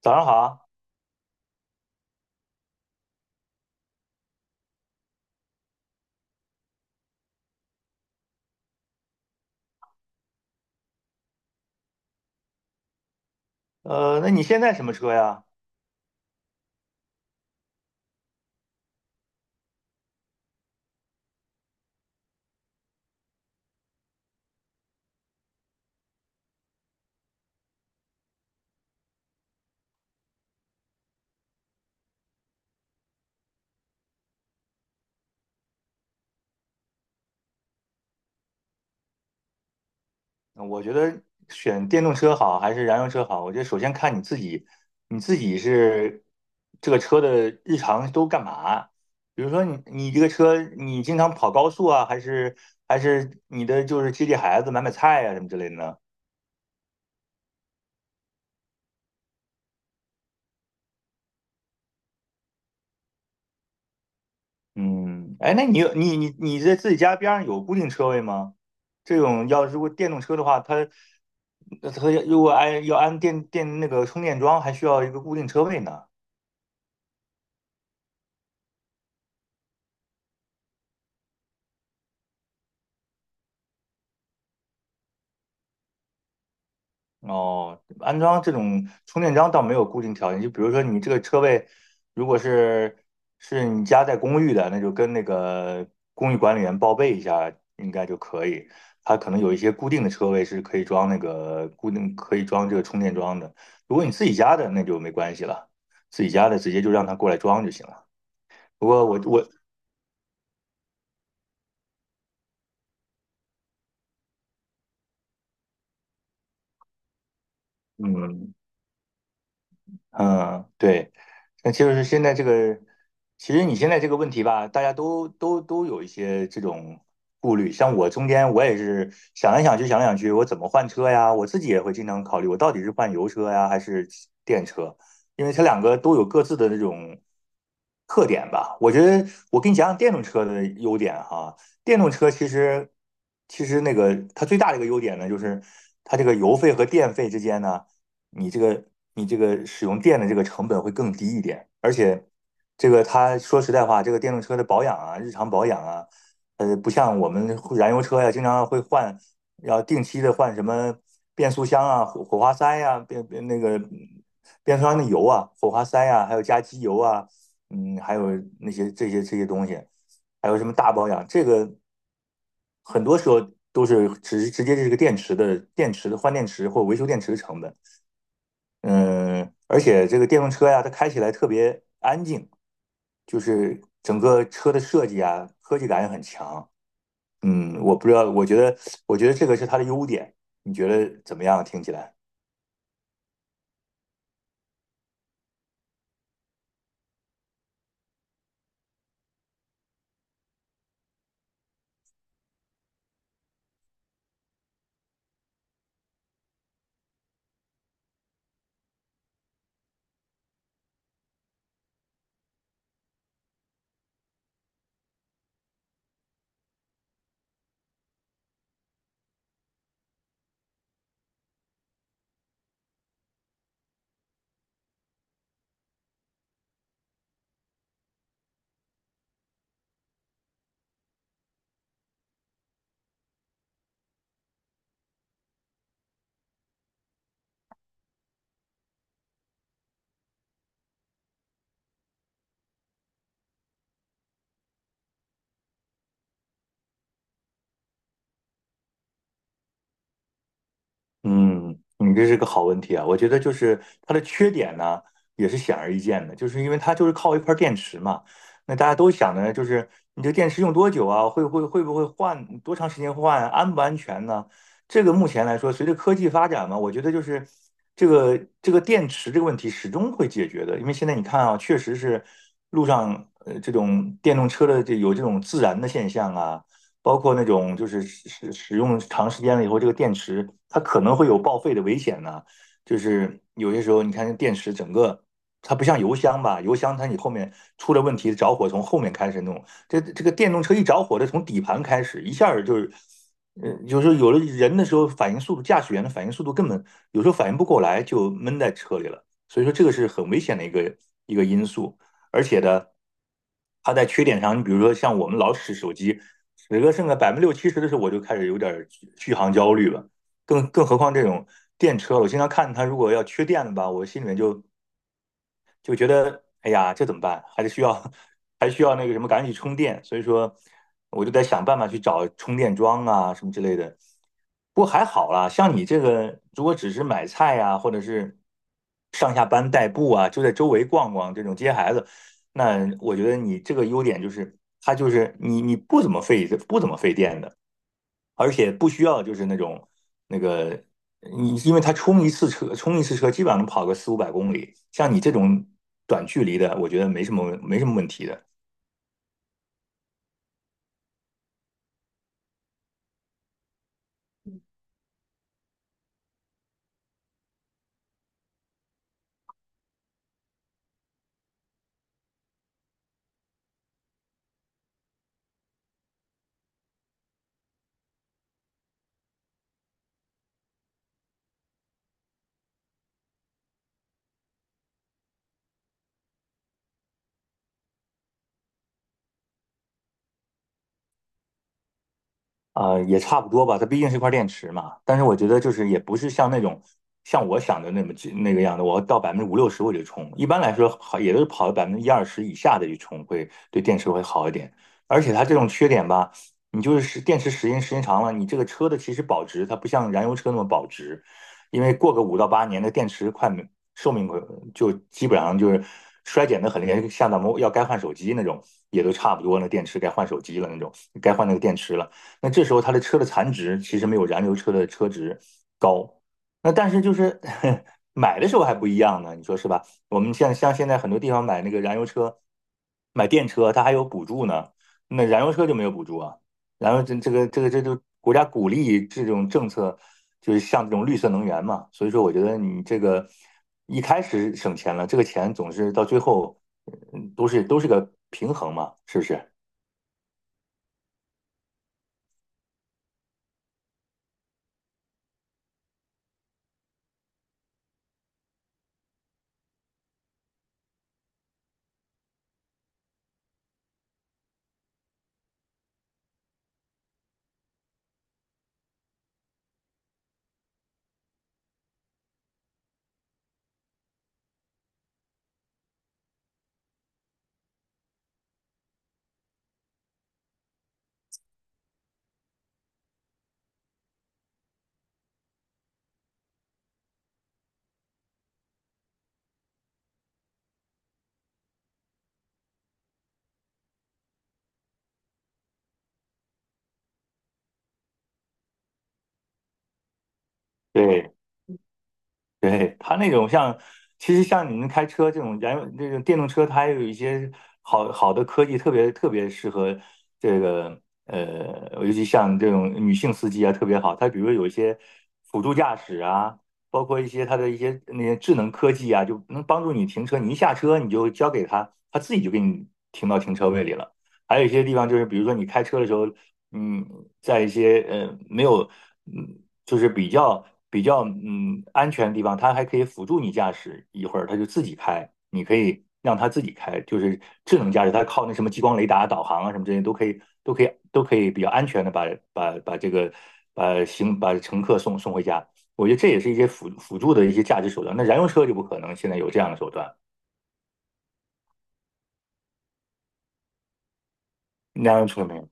早上好啊。那你现在什么车呀？我觉得选电动车好还是燃油车好？我觉得首先看你自己，你自己是这个车的日常都干嘛？比如说你这个车，你经常跑高速啊，还是你的就是接孩子、买菜呀、什么之类的呢？嗯，哎，那你有你你你在自己家边上有固定车位吗？这种要如果电动车的话，它如果要安那个充电桩，还需要一个固定车位呢。哦，安装这种充电桩倒没有固定条件，就比如说你这个车位，如果是你家在公寓的，那就跟那个公寓管理员报备一下，应该就可以。它可能有一些固定的车位是可以装那个固定可以装这个充电桩的。如果你自己家的，那就没关系了，自己家的直接就让他过来装就行了。不过我我嗯，嗯，对，那就是现在这个，其实你现在这个问题吧，大家都有一些这种顾虑。像我中间我也是想来想去，想来想去，我怎么换车呀？我自己也会经常考虑，我到底是换油车呀，还是电车？因为它两个都有各自的这种特点吧。我觉得我给你讲讲电动车的优点哈。电动车其实那个它最大的一个优点呢，就是它这个油费和电费之间呢。你这个你这个使用电的这个成本会更低一点，而且这个他说实在话，这个电动车的保养啊，日常保养啊，不像我们燃油车呀、经常会换，要定期的换什么变速箱啊、火花塞呀、那个变速箱的油啊、火花塞呀，还有加机油啊，嗯，还有那些这些这些东西，还有什么大保养，这个很多时候都是直接就是个电池的电池的换电池或维修电池的成本。嗯，而且这个电动车呀，它开起来特别安静，就是整个车的设计啊，科技感也很强。嗯，我不知道，我觉得这个是它的优点。你觉得怎么样？听起来？嗯，你这是个好问题啊！我觉得就是它的缺点呢，也是显而易见的，就是因为它就是靠一块电池嘛。那大家都想的呢，就是你这电池用多久啊？会不会换？多长时间换啊安不安全呢？这个目前来说，随着科技发展嘛，我觉得就是这个这个电池这个问题始终会解决的。因为现在你看啊，确实是路上这种电动车的这有这种自燃的现象啊。包括那种就是使用长时间了以后，这个电池它可能会有报废的危险呢。就是有些时候，你看这电池整个它不像油箱吧，油箱它你后面出了问题，着火从后面开始弄。这个电动车一着火，它从底盘开始，一下儿就是，有时候有了人的时候，反应速度，驾驶员的反应速度根本有时候反应不过来，就闷在车里了。所以说这个是很危险的一个因素，而且呢，它在缺点上，你比如说像我们老使手机。十个剩个60%~70%的时候，我就开始有点续航焦虑了。更何况这种电车，我经常看它如果要缺电了吧，我心里面就觉得哎呀，这怎么办？还是需要 还需要那个什么，赶紧充电。所以说，我就在想办法去找充电桩啊什么之类的。不过还好啦，像你这个，如果只是买菜啊，或者是上下班代步啊，就在周围逛逛这种接孩子，那我觉得你这个优点就是，它就是你不怎么费电的。而且不需要就是那种那个你，因为他充一次车基本上能跑个400~500公里，像你这种短距离的，我觉得没什么问题的。啊、也差不多吧，它毕竟是一块电池嘛。但是我觉得就是也不是像那种像我想的那么那个样的，我到50%~60%我就充。一般来说，好也都是跑到10%~20%以下的去充会，对电池会好一点。而且它这种缺点吧，你就是电池时间长了，你这个车的其实保值它不像燃油车那么保值，因为过个五到八年的电池快没寿命快就基本上就是衰减的很厉害，像咱们要该换手机那种也都差不多那电池该换手机了那种，该换那个电池了。那这时候它的车的残值其实没有燃油车的车值高。那但是就是 买的时候还不一样呢，你说是吧？我们像现在很多地方买那个燃油车、买电车，它还有补助呢。那燃油车就没有补助啊。然后这就国家鼓励这种政策，就是像这种绿色能源嘛。所以说，我觉得你这个一开始省钱了，这个钱总是到最后，嗯都是个平衡嘛，是不是？对，对，它那种像，其实像你们开车这种燃油这种电动车，它还有一些好好的科技，特别特别适合这个尤其像这种女性司机啊，特别好。它比如有一些辅助驾驶啊，包括一些它的一些那些智能科技啊，就能帮助你停车。你一下车，你就交给它，它自己就给你停到停车位里了。还有一些地方就是，比如说你开车的时候。嗯，在一些没有嗯，就是比较安全的地方，它还可以辅助你驾驶，一会儿它就自己开，你可以让它自己开，就是智能驾驶，它靠那什么激光雷达导航啊什么这些都可以比较安全的把把把这个把乘客送回家。我觉得这也是一些辅助的一些驾驶手段。那燃油车就不可能现在有这样的手段，燃油车没有。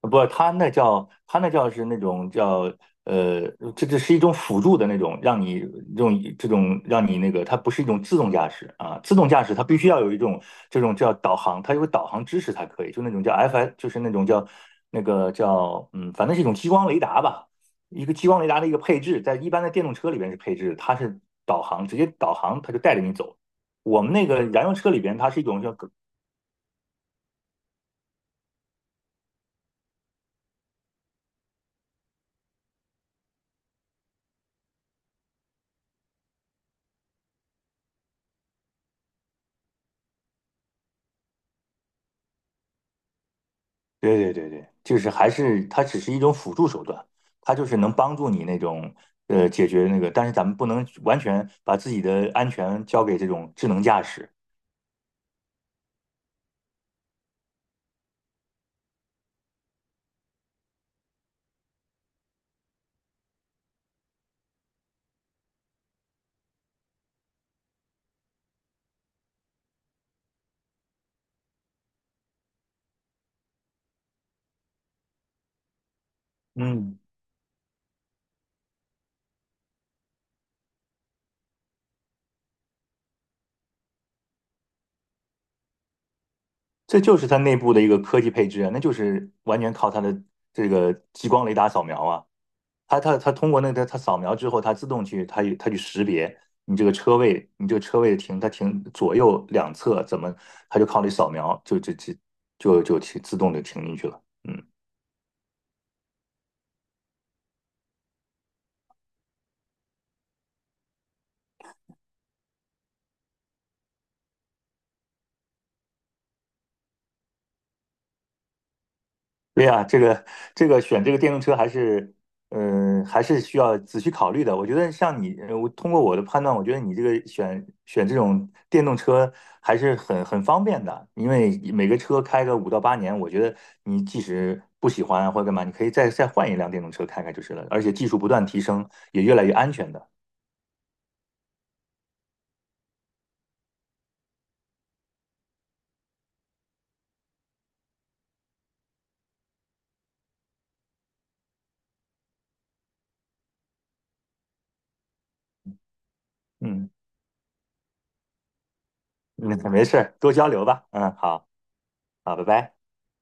不，它那叫它那叫是那种叫呃，这是一种辅助的那种，让你用这种让你那个，它不是一种自动驾驶啊。自动驾驶它必须要有一种这种叫导航，它有导航支持才可以，就那种叫 FS,就是那种叫那个叫嗯，反正是一种激光雷达吧，一个激光雷达的一个配置，在一般的电动车里边是配置它是导航，直接导航它就带着你走。我们那个燃油车里边，它是一种叫对对对对，就是还是它只是一种辅助手段，它就是能帮助你那种解决那个，但是咱们不能完全把自己的安全交给这种智能驾驶。嗯，这就是它内部的一个科技配置啊，那就是完全靠它的这个激光雷达扫描啊，它通过那个它扫描之后，它自动去它它去识别你这个车位，你这个车位停它停左右两侧怎么，它就靠你扫描就停自动就停进去了。嗯。对呀，这个选这个电动车还是，嗯、还是需要仔细考虑的。我觉得像你，我通过我的判断，我觉得你这个选这种电动车还是很方便的，因为每个车开个五到八年，我觉得你即使不喜欢或者干嘛，你可以再换一辆电动车开开就是了。而且技术不断提升，也越来越安全的。嗯，嗯，没事儿多交流吧。嗯，好，好，拜拜。